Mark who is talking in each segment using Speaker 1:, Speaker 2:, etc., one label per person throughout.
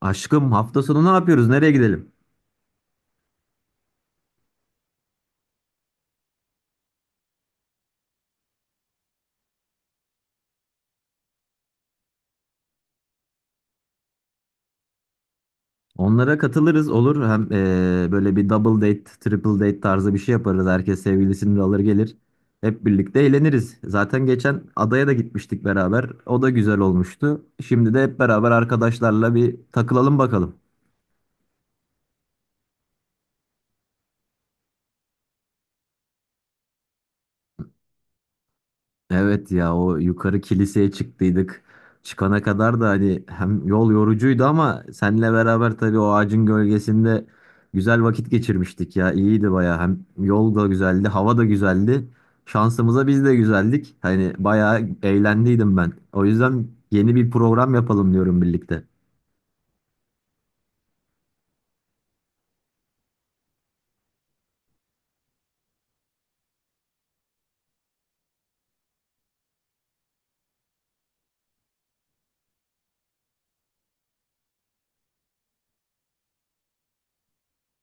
Speaker 1: Aşkım hafta sonu ne yapıyoruz? Nereye gidelim? Onlara katılırız, olur. Hem böyle bir double date, triple date tarzı bir şey yaparız. Herkes sevgilisini de alır gelir. Hep birlikte eğleniriz. Zaten geçen adaya da gitmiştik beraber. O da güzel olmuştu. Şimdi de hep beraber arkadaşlarla bir takılalım bakalım. Evet ya, o yukarı kiliseye çıktıydık. Çıkana kadar da hani hem yol yorucuydu, ama seninle beraber tabii o ağacın gölgesinde güzel vakit geçirmiştik ya. İyiydi baya. Hem yol da güzeldi, hava da güzeldi. Şansımıza biz de güzeldik. Hani bayağı eğlendiydim ben. O yüzden yeni bir program yapalım diyorum birlikte.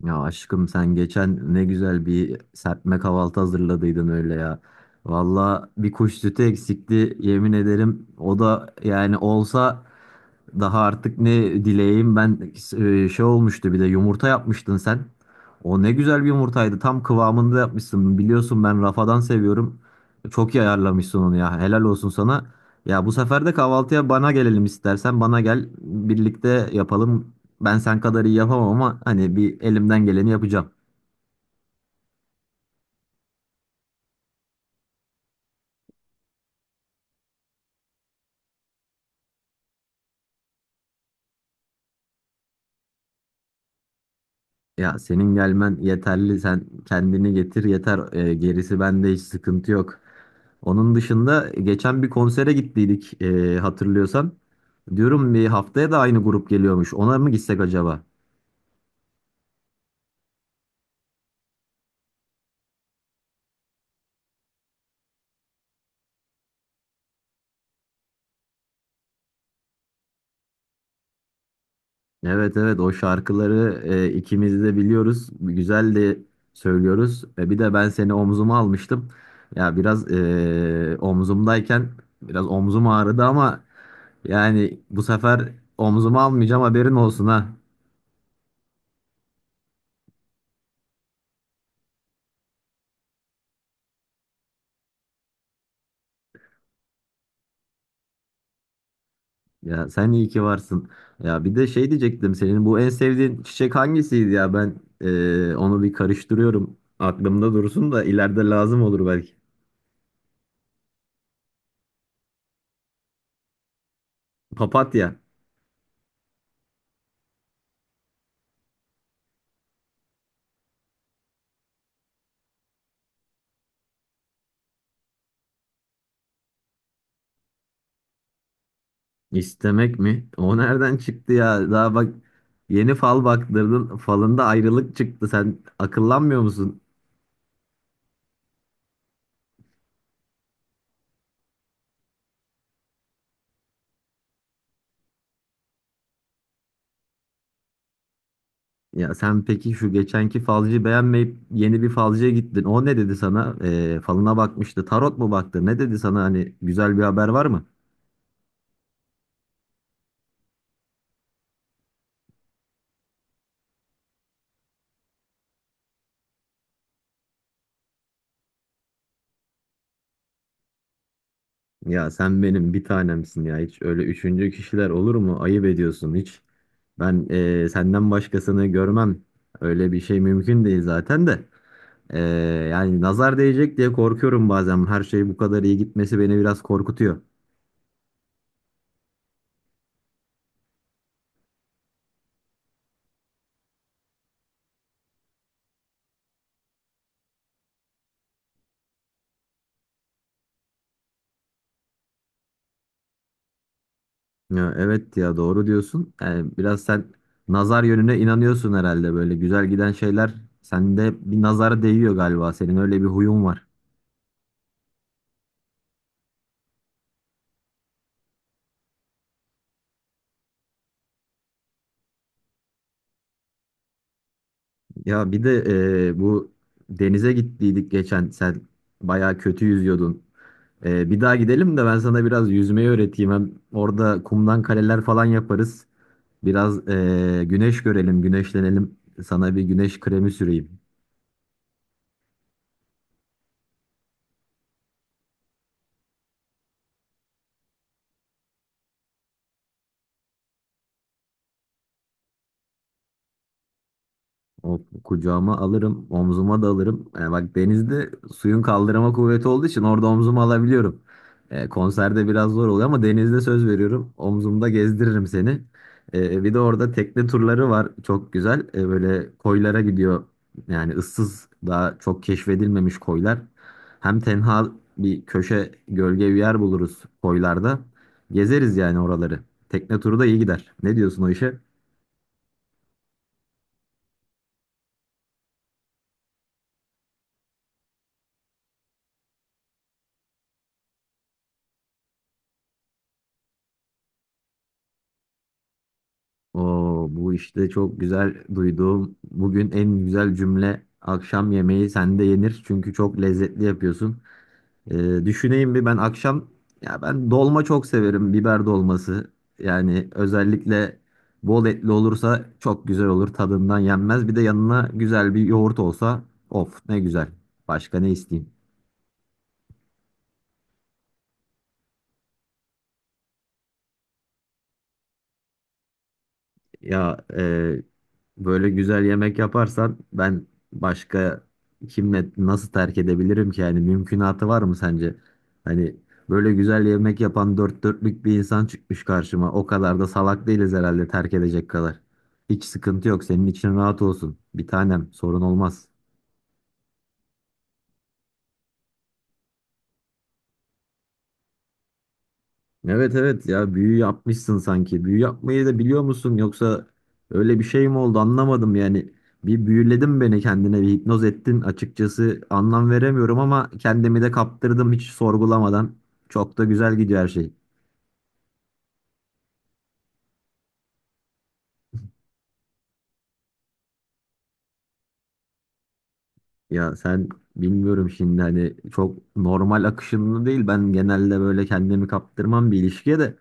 Speaker 1: Ya aşkım, sen geçen ne güzel bir serpme kahvaltı hazırladıydın öyle ya. Valla bir kuş sütü eksikti, yemin ederim. O da yani olsa daha artık ne dileyeyim ben. Şey olmuştu, bir de yumurta yapmıştın sen. O ne güzel bir yumurtaydı, tam kıvamında yapmışsın. Biliyorsun ben rafadan seviyorum. Çok iyi ayarlamışsın onu ya, helal olsun sana. Ya bu sefer de kahvaltıya bana gelelim, istersen bana gel, birlikte yapalım. Ben sen kadar iyi yapamam ama hani bir elimden geleni yapacağım. Ya senin gelmen yeterli. Sen kendini getir yeter. Gerisi bende, hiç sıkıntı yok. Onun dışında geçen bir konsere gittiydik hatırlıyorsan. Diyorum bir haftaya da aynı grup geliyormuş. Ona mı gitsek acaba? Evet, evet, o şarkıları ikimiz de biliyoruz. Güzel de söylüyoruz. Bir de ben seni omzuma almıştım. Ya biraz omzumdayken biraz omzum ağrıdı ama yani bu sefer omzuma almayacağım, haberin olsun ha. Ya sen iyi ki varsın. Ya bir de şey diyecektim, senin bu en sevdiğin çiçek hangisiydi ya? Ben onu bir karıştırıyorum. Aklımda dursun da ileride lazım olur belki. Papatya. İstemek mi? O nereden çıktı ya? Daha bak, yeni fal baktırdın. Falında ayrılık çıktı. Sen akıllanmıyor musun? Ya sen peki şu geçenki falcıyı beğenmeyip yeni bir falcıya gittin. O ne dedi sana? Falına bakmıştı. Tarot mu baktı? Ne dedi sana? Hani güzel bir haber var mı? Ya sen benim bir tanemsin ya. Hiç öyle üçüncü kişiler olur mu? Ayıp ediyorsun hiç. Ben senden başkasını görmem. Öyle bir şey mümkün değil zaten de. Ee, Yani nazar değecek diye korkuyorum bazen. Her şey bu kadar iyi gitmesi beni biraz korkutuyor. Ya evet ya, doğru diyorsun. Yani biraz sen nazar yönüne inanıyorsun herhalde, böyle güzel giden şeyler sende bir nazara değiyor galiba. Senin öyle bir huyun var. Ya bir de bu denize gittiydik geçen, sen bayağı kötü yüzüyordun. Bir daha gidelim de ben sana biraz yüzmeyi öğreteyim. Hem orada kumdan kaleler falan yaparız. Biraz güneş görelim, güneşlenelim. Sana bir güneş kremi süreyim. O kucağıma alırım, omzuma da alırım. Yani bak, denizde suyun kaldırma kuvveti olduğu için orada omzuma alabiliyorum. Konserde biraz zor oluyor ama denizde söz veriyorum, omzumda gezdiririm seni. Bir de orada tekne turları var. Çok güzel. Böyle koylara gidiyor. Yani ıssız, daha çok keşfedilmemiş koylar. Hem tenha bir köşe, gölge bir yer buluruz koylarda. Gezeriz yani oraları. Tekne turu da iyi gider. Ne diyorsun o işe? Oo, bu işte çok güzel, duyduğum bugün en güzel cümle. Akşam yemeği sende yenir çünkü çok lezzetli yapıyorsun. Düşüneyim bir ben akşam. Ya ben dolma çok severim, biber dolması, yani özellikle bol etli olursa çok güzel olur, tadından yenmez. Bir de yanına güzel bir yoğurt olsa, of ne güzel. Başka ne isteyeyim. Ya böyle güzel yemek yaparsan ben başka kimle nasıl terk edebilirim ki? Yani mümkünatı var mı sence? Hani böyle güzel yemek yapan dört dörtlük bir insan çıkmış karşıma. O kadar da salak değiliz herhalde terk edecek kadar. Hiç sıkıntı yok. Senin için rahat olsun. Bir tanem, sorun olmaz. Evet, evet ya, büyü yapmışsın sanki. Büyü yapmayı da biliyor musun, yoksa öyle bir şey mi oldu anlamadım yani. Bir büyüledin beni kendine, bir hipnoz ettin, açıkçası anlam veremiyorum ama kendimi de kaptırdım hiç sorgulamadan. Çok da güzel gidiyor her şey. Ya sen, bilmiyorum şimdi, hani çok normal akışında değil. Ben genelde böyle kendimi kaptırmam bir ilişkiye de.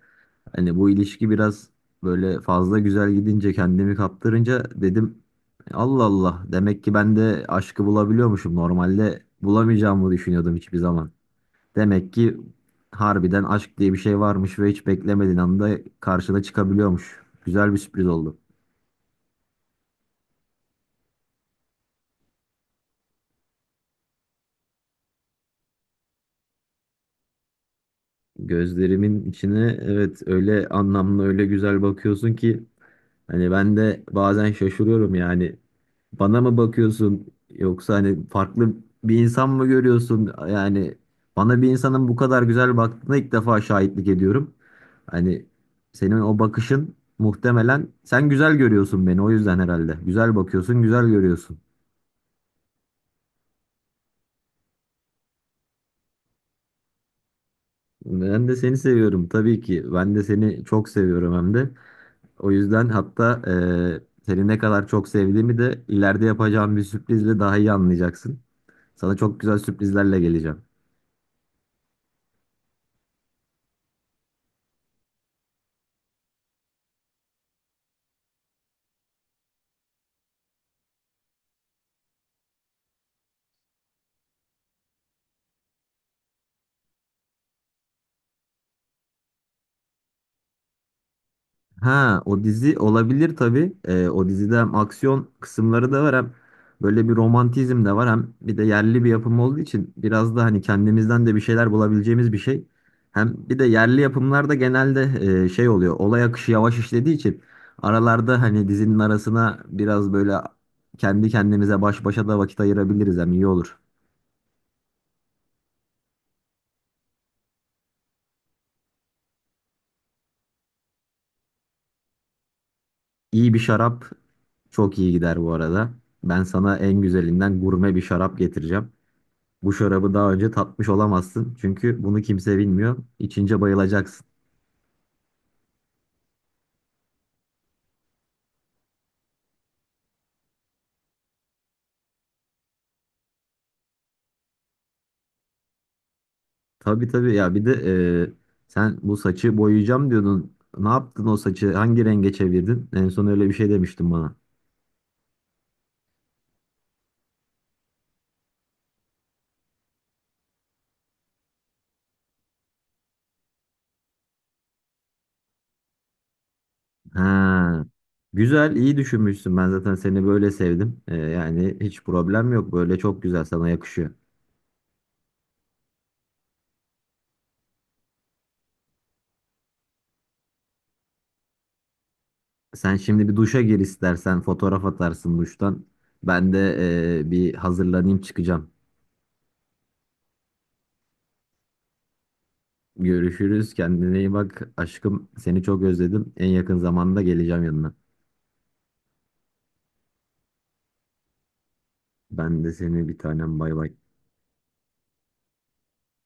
Speaker 1: Hani bu ilişki biraz böyle fazla güzel gidince, kendimi kaptırınca dedim Allah Allah, demek ki ben de aşkı bulabiliyormuşum. Normalde bulamayacağımı düşünüyordum hiçbir zaman. Demek ki harbiden aşk diye bir şey varmış ve hiç beklemediğin anda karşına çıkabiliyormuş. Güzel bir sürpriz oldu. Gözlerimin içine, evet, öyle anlamlı, öyle güzel bakıyorsun ki hani ben de bazen şaşırıyorum yani. Bana mı bakıyorsun yoksa hani farklı bir insan mı görüyorsun? Yani bana bir insanın bu kadar güzel baktığına ilk defa şahitlik ediyorum. Hani senin o bakışın, muhtemelen sen güzel görüyorsun beni, o yüzden herhalde. Güzel bakıyorsun, güzel görüyorsun. Ben de seni seviyorum tabii ki. Ben de seni çok seviyorum, hem de. O yüzden, hatta seni ne kadar çok sevdiğimi de ileride yapacağım bir sürprizle daha iyi anlayacaksın. Sana çok güzel sürprizlerle geleceğim. Ha, o dizi olabilir tabii. O dizide hem aksiyon kısımları da var, hem böyle bir romantizm de var, hem bir de yerli bir yapım olduğu için biraz da hani kendimizden de bir şeyler bulabileceğimiz bir şey. Hem bir de yerli yapımlarda genelde şey oluyor, olay akışı yavaş işlediği için aralarda hani dizinin arasına biraz böyle kendi kendimize baş başa da vakit ayırabiliriz, hem iyi olur. İyi bir şarap çok iyi gider bu arada. Ben sana en güzelinden gurme bir şarap getireceğim. Bu şarabı daha önce tatmış olamazsın, çünkü bunu kimse bilmiyor. İçince bayılacaksın. Tabii, tabii ya, bir de sen bu saçı boyayacağım diyordun. Ne yaptın o saçı? Hangi renge çevirdin? En son öyle bir şey demiştin bana. Ha. Güzel, iyi düşünmüşsün. Ben zaten seni böyle sevdim. Yani hiç problem yok. Böyle çok güzel, sana yakışıyor. Sen şimdi bir duşa gir istersen. Fotoğraf atarsın duştan. Ben de bir hazırlanayım, çıkacağım. Görüşürüz. Kendine iyi bak. Aşkım seni çok özledim. En yakın zamanda geleceğim yanına. Ben de seni, bir tanem, bay bay.